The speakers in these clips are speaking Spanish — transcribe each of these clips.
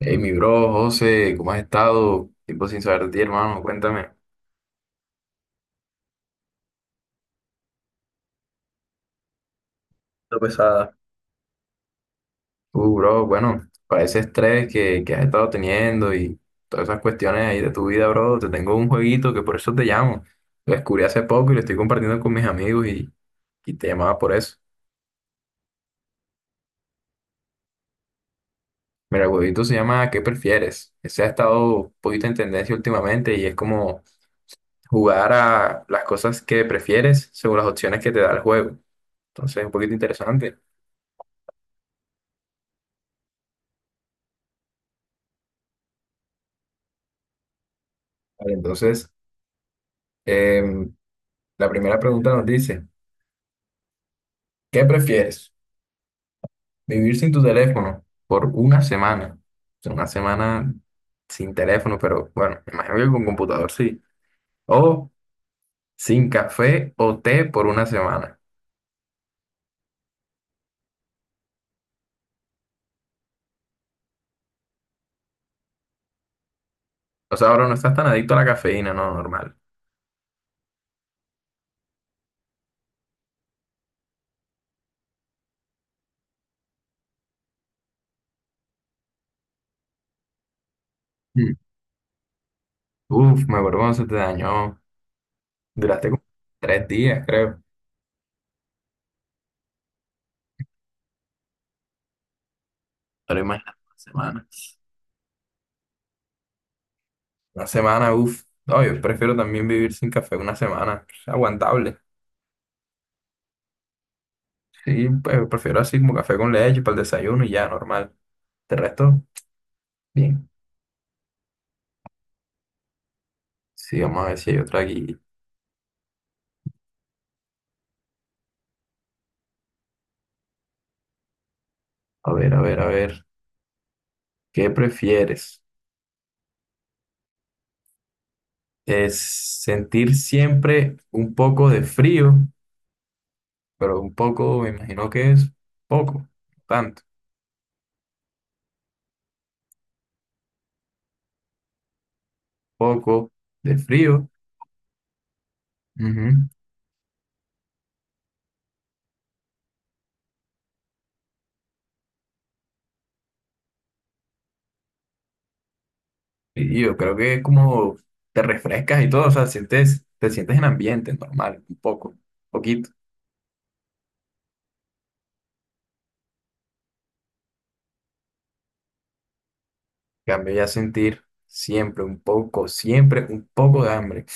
Hey, mi bro, José, ¿cómo has estado? Tiempo sin saber de ti, hermano, cuéntame. Lo pesada. Bro, bueno, para ese estrés que has estado teniendo y todas esas cuestiones ahí de tu vida, bro, te tengo un jueguito que por eso te llamo. Lo descubrí hace poco y lo estoy compartiendo con mis amigos y te llamaba por eso. Mira, el jueguito se llama ¿Qué prefieres? Ese ha estado un poquito en tendencia últimamente y es como jugar a las cosas que prefieres según las opciones que te da el juego. Entonces, es un poquito interesante. Vale, entonces, em, la primera pregunta nos dice, ¿qué prefieres? ¿Vivir sin tu teléfono por una semana? O sea, una semana sin teléfono, pero bueno, me imagino que con computador sí. O sin café o té por una semana. O sea, ahora no estás tan adicto a la cafeína, no, normal. Mm. Uf, me acuerdo cuando se te dañó. Duraste como 3 días, creo. Pero imagínate una semana. Una semana, uf. No, yo prefiero también vivir sin café una semana. Es aguantable. Sí, pues prefiero así como café con leche para el desayuno y ya, normal. ¿Te resto? Bien. Sí, vamos a ver si hay otra aquí. A ver, a ver, a ver. ¿Qué prefieres? ¿Es sentir siempre un poco de frío? Pero un poco, me imagino que es poco, no tanto. Poco de frío. Ujú. Y yo creo que es como te refrescas y todo, o sea, sientes, te sientes en ambiente normal, un poco, poquito. En cambio ya sentir siempre un poco de hambre.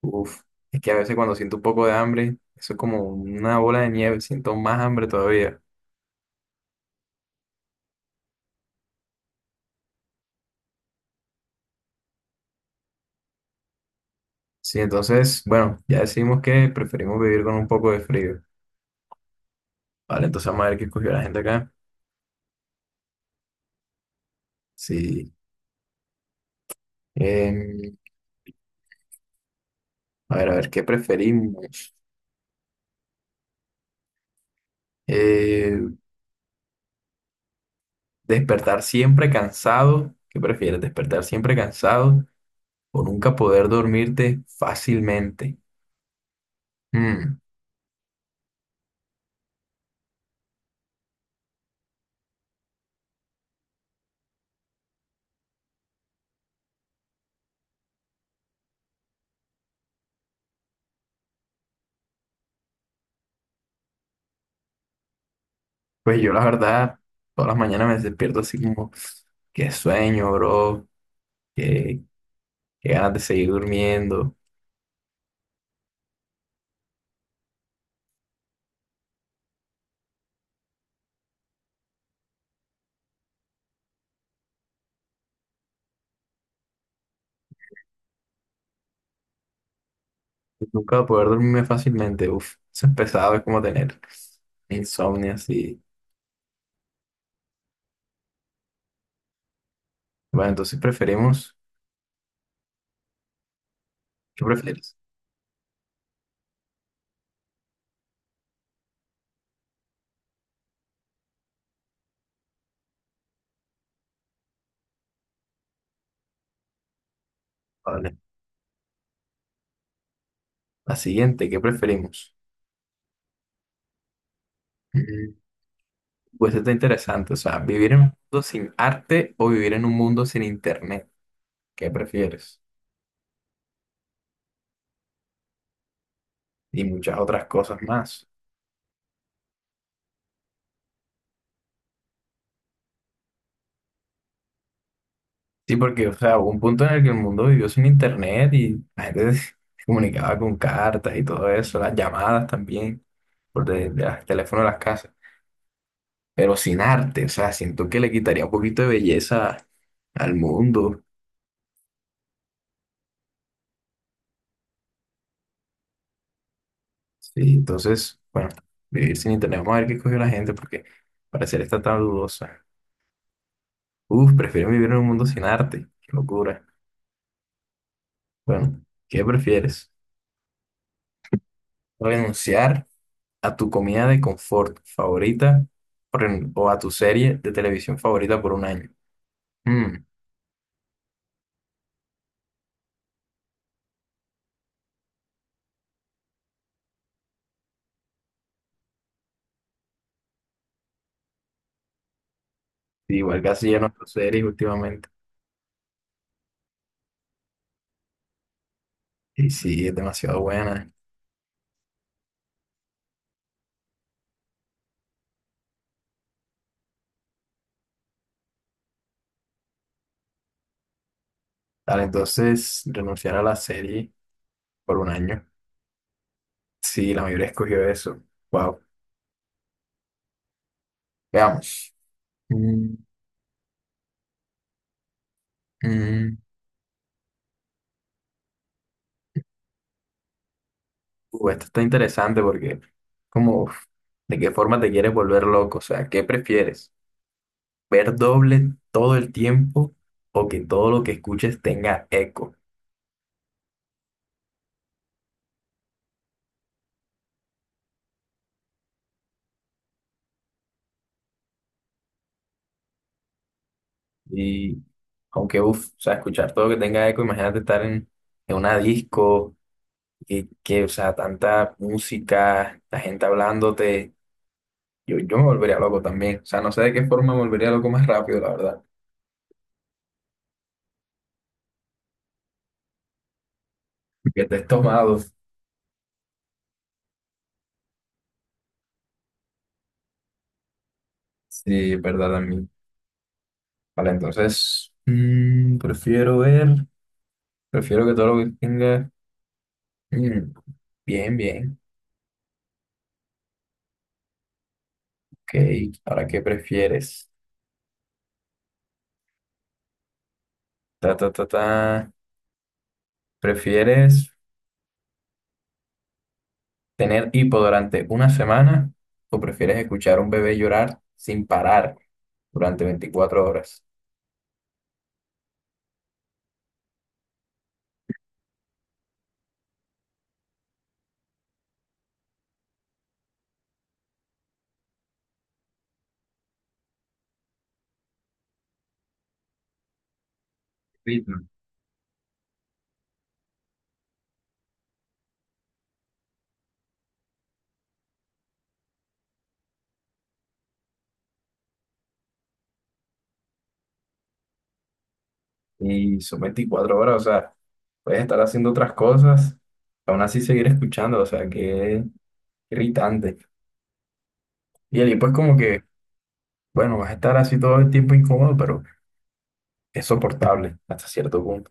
Uf, es que a veces cuando siento un poco de hambre, eso es como una bola de nieve, siento más hambre todavía. Sí, entonces, bueno, ya decimos que preferimos vivir con un poco de frío. Vale, entonces vamos a ver qué escogió la gente acá. Sí. em, a ver, a ver, ¿qué preferimos? Eh, despertar siempre cansado. ¿Qué prefieres? ¿Despertar siempre cansado o nunca poder dormirte fácilmente? Mm, pues yo la verdad, todas las mañanas me despierto así como, qué sueño, bro. Qué ganas de seguir durmiendo. Nunca voy a poder dormirme fácilmente. Uf, eso es pesado, es como tener insomnio así. Bueno, entonces preferimos. ¿Qué prefieres? Vale. La siguiente, ¿qué preferimos? Mm, Pues está interesante. O sea, vivir en un mundo sin arte o vivir en un mundo sin internet. ¿Qué prefieres? Y muchas otras cosas más. Sí, porque, o sea, hubo un punto en el que el mundo vivió sin internet y la gente se comunicaba con cartas y todo eso, las llamadas también, por de los teléfonos de las casas. Pero sin arte, o sea, siento que le quitaría un poquito de belleza al mundo. Sí, entonces, bueno, vivir sin internet, vamos a ver qué cogió la gente, porque para ser esta tan dudosa. Uf, prefiero vivir en un mundo sin arte, qué locura. Bueno, ¿qué prefieres? ¿Renunciar a tu comida de confort favorita o a tu serie de televisión favorita por un año? Mm, sí, igual casi ya no tu series últimamente. Y sí, es demasiado buena. Tal, entonces, renunciar a la serie por un año. Sí, la mayoría escogió eso. Wow. Veamos. Mm, mm. Esto está interesante porque, como, uf, ¿de qué forma te quieres volver loco? O sea, ¿qué prefieres? ¿Ver doble todo el tiempo o que todo lo que escuches tenga eco? Y aunque, uff, o sea, escuchar todo lo que tenga eco, imagínate estar en una disco, o sea, tanta música, la gente hablándote. Yo me volvería loco también. O sea, no sé de qué forma me volvería loco más rápido, la verdad. Que estés tomado. Sí, es verdad también. Vale, entonces, prefiero ver, prefiero que todo lo que tenga. Mm, bien, bien. Ok, ¿ahora qué prefieres? Ta, ta, ta, ta. ¿Prefieres tener hipo durante una semana o prefieres escuchar a un bebé llorar sin parar durante 24 horas? Ritmo. Y son 24 horas, o sea, puedes estar haciendo otras cosas, aún así seguir escuchando, o sea, qué irritante. Y el hipo es como que bueno, vas a estar así todo el tiempo incómodo, pero es soportable hasta cierto punto.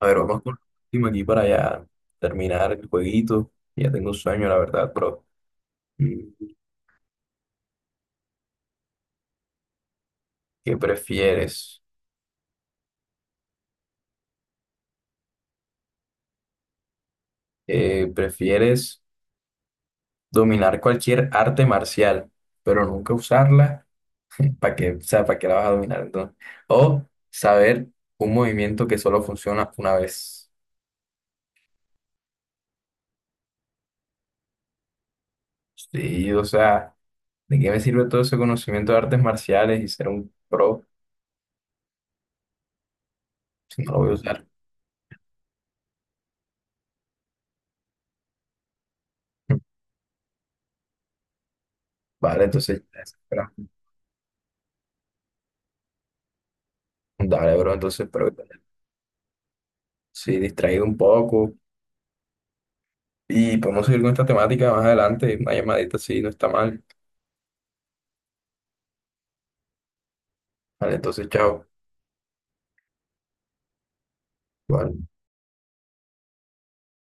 A ver, vamos con el último aquí para ya terminar el jueguito. Ya tengo sueño, la verdad, bro. Mm, ¿Qué prefieres? ¿Prefieres dominar cualquier arte marcial, pero nunca usarla? ¿Para qué? O sea, ¿para qué la vas a dominar entonces? O saber un movimiento que solo funciona una vez. Sí, o sea, ¿de qué me sirve todo ese conocimiento de artes marciales y ser un pro si no lo voy a usar? Vale, entonces, ya es, espera. Dale, bro, entonces, pero sí, distraído un poco y podemos seguir con esta temática más adelante, una llamadita, sí, no está mal. Vale, entonces, chao. Vale.